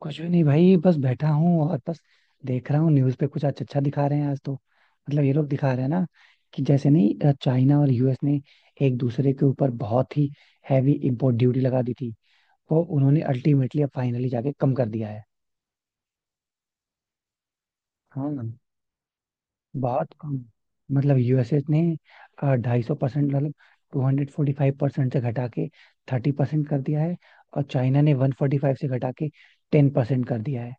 कुछ भी नहीं भाई, बस बैठा हूँ। और बस देख रहा हूँ न्यूज़ पे कुछ अच्छा अच्छा दिखा रहे हैं आज। तो मतलब ये लोग दिखा रहे हैं ना कि जैसे नहीं चाइना और यूएस ने एक दूसरे के ऊपर बहुत ही हैवी इम्पोर्ट ड्यूटी लगा दी थी। वो उन्होंने अल्टीमेटली अब फाइनली जाके कम कर दिया है। हाँ, बहुत कम। मतलब यूएसए ने ढाई सौ परसेंट, मतलब two hundred forty five percent से घटा के थर्टी परसेंट कर दिया है। और चाइना ने वन फोर्टी फाइव से घटा के टेन परसेंट कर दिया है।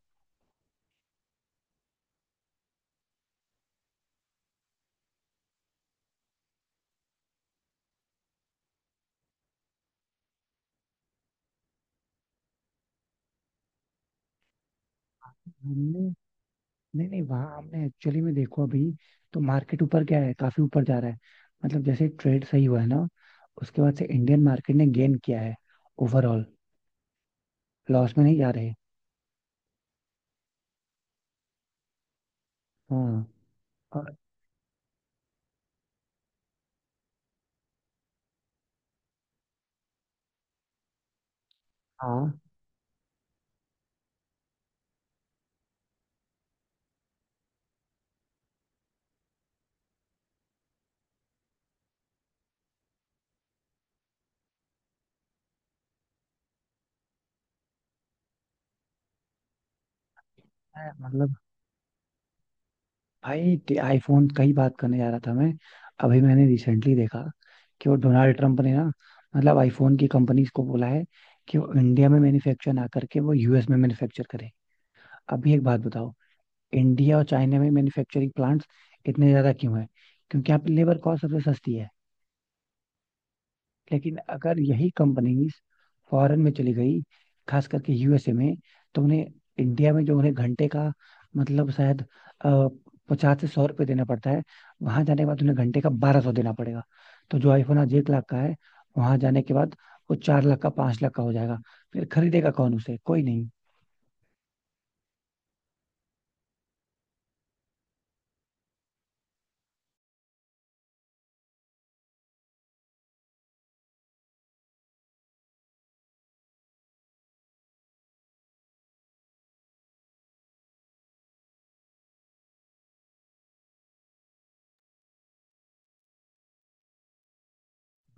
हमने, नहीं नहीं, वहाँ आपने एक्चुअली में देखो, अभी तो मार्केट ऊपर क्या है, काफी ऊपर जा रहा है। मतलब जैसे ट्रेड सही हुआ है ना, उसके बाद से इंडियन मार्केट ने गेन किया है, ओवरऑल लॉस में नहीं जा रहे। हाँ। और हाँ, मैं मतलब भाई आईफोन का ही बात करने जा रहा था मैं। अभी मैंने रिसेंटली देखा कि वो डोनाल्ड ट्रंप ने ना, मतलब आईफोन की कंपनीज को बोला है कि वो इंडिया में मैन्युफैक्चर ना करके वो यूएस में मैन्युफैक्चर करे। अभी एक बात बताओ, इंडिया और चाइना में मैन्युफैक्चरिंग प्लांट्स इतने ज्यादा क्यों हैं? क्योंकि यहाँ पे लेबर कॉस्ट सबसे सस्ती है। लेकिन अगर यही कंपनीज फॉरेन में चली गई, खास करके यूएसए में, तो उन्हें, इंडिया में जो उन्हें घंटे का, मतलब शायद, पचास से सौ रुपये देना पड़ता है, वहां जाने के बाद उन्हें घंटे का बारह सौ देना पड़ेगा। तो जो आईफोन आज एक लाख का है, वहां जाने के बाद वो चार लाख का, पांच लाख का हो जाएगा। फिर खरीदेगा कौन उसे? कोई नहीं।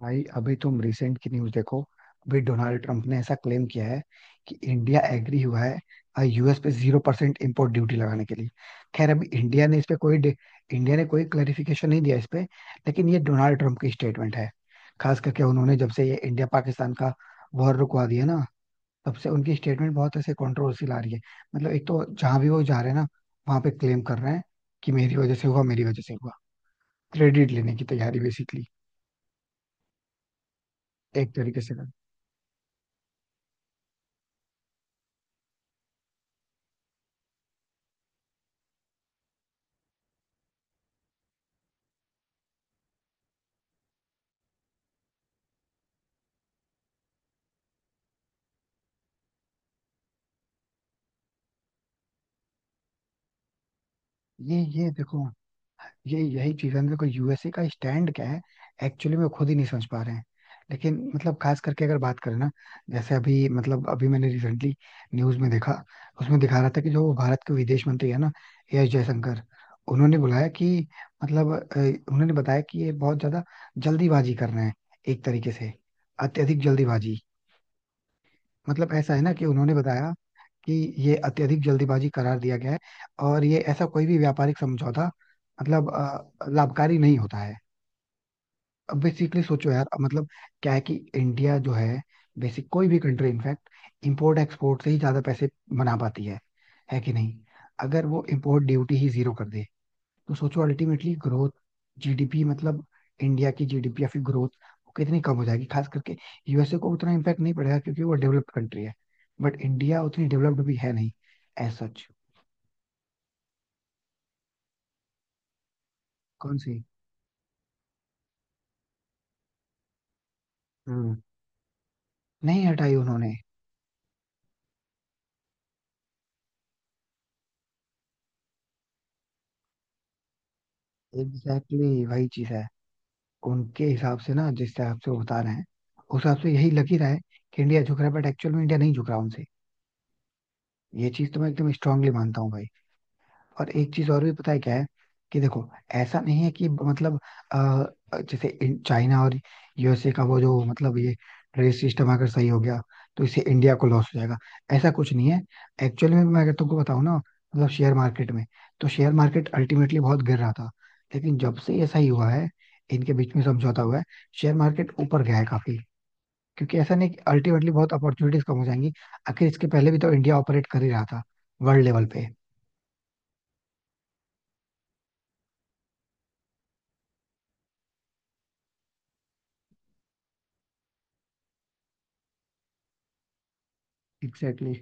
भाई अभी तुम रिसेंट की न्यूज देखो, अभी डोनाल्ड ट्रम्प ने ऐसा क्लेम किया है कि इंडिया एग्री हुआ है यूएस पे जीरो परसेंट इम्पोर्ट ड्यूटी लगाने के लिए। खैर, अभी इंडिया ने इस पे कोई इंडिया ने कोई क्लेरिफिकेशन नहीं दिया इस पे। लेकिन ये डोनाल्ड ट्रम्प की स्टेटमेंट है। खास करके उन्होंने, जब से ये इंडिया पाकिस्तान का वॉर रुकवा दिया ना, तब से उनकी स्टेटमेंट बहुत ऐसे कंट्रोवर्सी ला रही है। मतलब एक तो जहां भी वो जा रहे हैं ना, वहां पे क्लेम कर रहे हैं कि मेरी वजह से हुआ, मेरी वजह से हुआ। क्रेडिट लेने की तैयारी बेसिकली, एक तरीके से कर। ये कौन? हैं एक्टर हैं लेकिन ना, जैसे कि न्यूज का उसमें दिया ना, ए अजगर उन्होंने ही, मतलब ज्यादा जल्द में एक तरीके से, अत्यधिक, मतलब कि उन्होंने बताया कि ये अत्यधिक जल्दीबाजी करार दिया गया है, और ये ऐसा कोई भी व्यापारिक समझौता, मतलब लाभकारी नहीं होता है। अब बेसिकली सोचो यार, अब मतलब क्या है कि इंडिया जो है, बेसिक कोई भी कंट्री इनफैक्ट इंपोर्ट एक्सपोर्ट से ही ज्यादा पैसे बना पाती है कि नहीं? अगर वो इंपोर्ट ड्यूटी ही जीरो कर दे, तो सोचो अल्टीमेटली ग्रोथ, जीडीपी, मतलब इंडिया की जीडीपी या फिर ग्रोथ, वो कितनी कम हो जाएगी। खास करके यूएसए को उतना इम्पैक्ट नहीं पड़ेगा क्योंकि वो डेवलप्ड कंट्री है, बट इंडिया उतनी डेवलप्ड भी है नहीं, एज सच। कौन सी? हम्म, नहीं हटाई उन्होंने। एग्जैक्टली exactly, वही चीज है। उनके हिसाब से ना, जिस हिसाब से वो बता रहे हैं, उस हिसाब से यही लग ही रहा है कि इंडिया झुक रहा है, बट एक्चुअल में इंडिया नहीं झुक रहा उनसे। ये चीज तो मैं एकदम स्ट्रांगली मानता हूँ भाई। और एक चीज और भी पता है क्या है? कि देखो, ऐसा नहीं है कि मतलब जैसे चाइना और यूएसए का वो जो, मतलब ये ट्रेड सिस्टम अगर सही हो गया तो इससे इंडिया को लॉस हो जाएगा, ऐसा कुछ नहीं है। एक्चुअली में मैं अगर तुमको बताऊं ना, मतलब शेयर मार्केट में, तो शेयर मार्केट अल्टीमेटली बहुत गिर रहा था। लेकिन जब से ऐसा ही हुआ है, इनके बीच में समझौता हुआ है, शेयर मार्केट ऊपर गया है काफी। क्योंकि ऐसा नहीं कि अल्टीमेटली बहुत अपॉर्चुनिटीज कम हो जाएंगी। आखिर इसके पहले भी तो इंडिया ऑपरेट कर ही रहा था वर्ल्ड लेवल पे। एग्जैक्टली।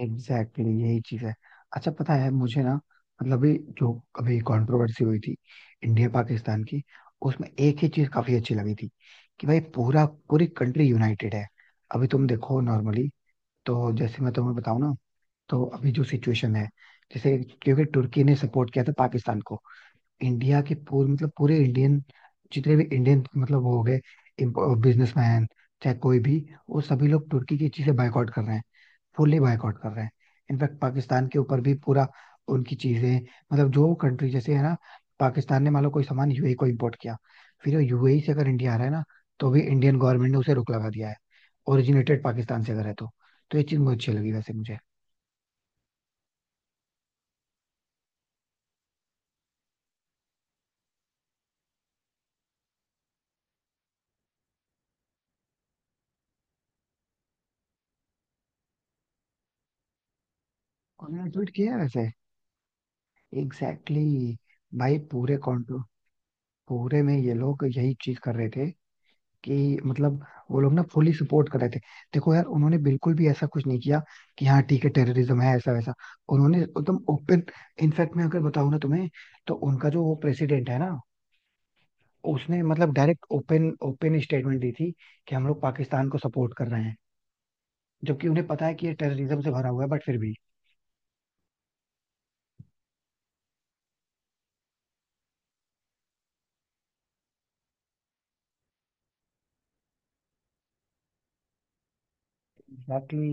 एग्जैक्टली exactly, यही चीज है। अच्छा, पता है मुझे ना, मतलब ये जो अभी कंट्रोवर्सी हुई थी इंडिया पाकिस्तान की, उसमें एक ही चीज काफी अच्छी लगी थी कि भाई पूरा पूरी कंट्री यूनाइटेड है। अभी तुम देखो नॉर्मली, तो जैसे मैं तुम्हें बताऊं ना, तो अभी जो सिचुएशन है, जैसे क्योंकि तुर्की ने सपोर्ट किया था पाकिस्तान को, इंडिया के पूरे, मतलब पूरे इंडियन, जितने भी इंडियन मतलब वो हो गए, बिजनेसमैन, चाहे कोई भी, वो सभी लोग तुर्की की चीजें बायकॉट कर रहे हैं, फुल्ली बायकॉट कर रहे हैं। इनफैक्ट पाकिस्तान के ऊपर भी पूरा उनकी चीजें, मतलब जो कंट्री जैसे है ना, पाकिस्तान ने मान लो कोई सामान यूएई को इम्पोर्ट किया, फिर वो यूएई से अगर इंडिया आ रहा है ना, तो भी इंडियन गवर्नमेंट ने उसे रोक लगा दिया है, ओरिजिनेटेड पाकिस्तान से अगर है तो। तो ये चीज बहुत अच्छी लगी वैसे मुझे। उन्होंने ट्वीट किया है वैसे। Exactly exactly। भाई पूरे कॉन्ट्रो, पूरे में ये लोग यही चीज कर रहे थे कि मतलब वो लोग ना फुली सपोर्ट कर रहे थे। देखो यार, उन्होंने बिल्कुल भी ऐसा कुछ नहीं किया कि हाँ ठीक है, टेररिज्म है ऐसा वैसा। उन्होंने एकदम ओपन, इनफैक्ट मैं अगर बताऊं ना तुम्हें, तो उनका जो वो प्रेसिडेंट है ना, उसने मतलब डायरेक्ट ओपन ओपन स्टेटमेंट दी थी कि हम लोग पाकिस्तान को सपोर्ट कर रहे हैं, जबकि उन्हें पता है कि ये टेररिज्म से भरा हुआ है, बट फिर भी। एग्जैक्टली।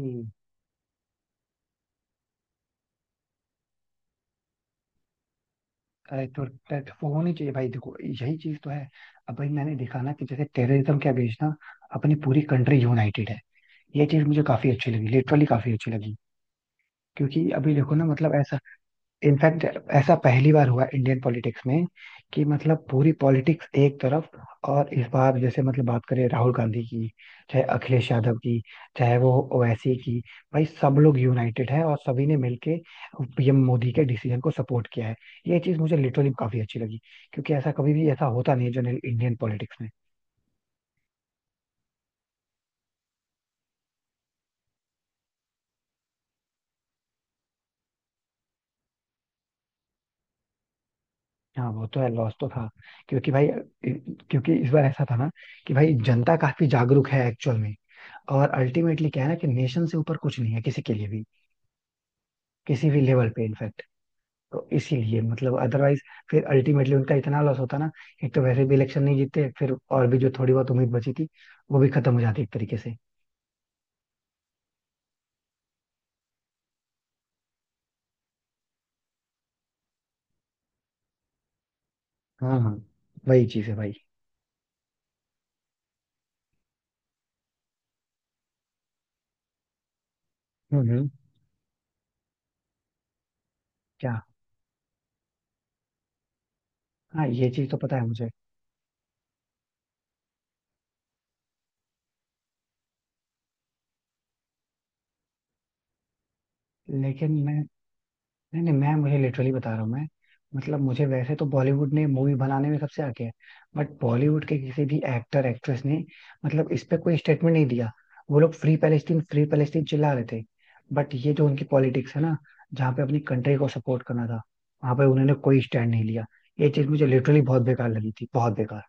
अरे तो वो होनी चाहिए भाई। देखो, यही चीज तो है। अब भाई मैंने देखा ना कि जैसे टेररिज्म के अगेंस्ट ना, अपनी पूरी कंट्री यूनाइटेड है। ये चीज मुझे काफी अच्छी लगी, लिटरली काफी अच्छी लगी। क्योंकि अभी देखो ना, मतलब ऐसा इनफैक्ट ऐसा पहली बार हुआ इंडियन पॉलिटिक्स में कि मतलब पूरी पॉलिटिक्स एक तरफ। और इस बार जैसे मतलब बात करें राहुल गांधी की, चाहे अखिलेश यादव की, चाहे वो ओवैसी की, भाई सब लोग यूनाइटेड है और सभी ने मिलके पीएम मोदी के डिसीजन को सपोर्ट किया है। ये चीज मुझे लिटरली काफी अच्छी लगी, क्योंकि ऐसा कभी भी ऐसा होता नहीं है जनरल इंडियन पॉलिटिक्स में। हाँ, वो तो है, लॉस तो था। क्योंकि भाई, क्योंकि इस बार ऐसा था ना कि भाई, जनता काफी जागरूक है एक्चुअल में। और अल्टीमेटली क्या है ना, कि नेशन से ऊपर कुछ नहीं है किसी के लिए भी, किसी भी लेवल पे, इनफैक्ट। तो इसीलिए मतलब, अदरवाइज फिर अल्टीमेटली उनका इतना लॉस होता ना, एक तो वैसे भी इलेक्शन नहीं जीतते, फिर और भी जो थोड़ी बहुत उम्मीद बची थी, वो भी खत्म हो जाती एक तरीके से। हाँ हाँ, वही चीज है भाई। हम्म हम्म, क्या? हाँ, ये चीज तो पता है मुझे। लेकिन मैं नहीं नहीं, मैं मुझे लिटरली बता रहा हूँ मैं। मतलब मुझे, वैसे तो बॉलीवुड ने मूवी बनाने में सबसे आगे है, बट बॉलीवुड के किसी भी एक्टर एक्ट्रेस ने मतलब इस पे कोई स्टेटमेंट नहीं दिया। वो लोग फ्री पैलेस्टीन चिल्ला रहे थे, बट ये जो उनकी पॉलिटिक्स है ना, जहाँ पे अपनी कंट्री को सपोर्ट करना था, वहां पे उन्होंने कोई स्टैंड नहीं लिया। ये चीज मुझे लिटरली बहुत बेकार लगी थी, बहुत बेकार।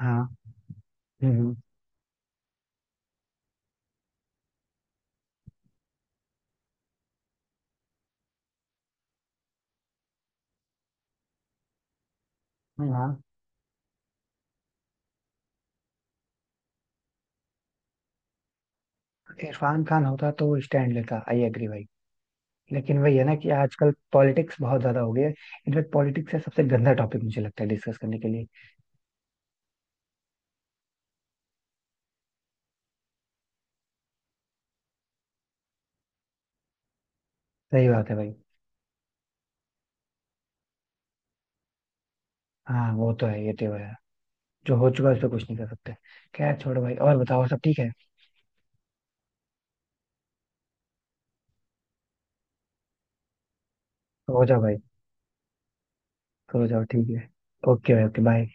हाँ। हम्म हाँ। इरफान खान होता तो स्टैंड लेता, आई एग्री भाई। लेकिन वही है ना कि आजकल पॉलिटिक्स बहुत ज्यादा हो गई है। इनफैक्ट पॉलिटिक्स है सबसे गंदा टॉपिक, मुझे लगता है, डिस्कस करने के लिए। सही बात है भाई। हाँ वो तो है, ये तो है। जो हो चुका है उस पर कुछ नहीं कर सकते। खैर, छोड़ो भाई, और बताओ सब ठीक है? सो जाओ भाई। सो जाओ, ठीक है। ओके भाई, ओके, बाय।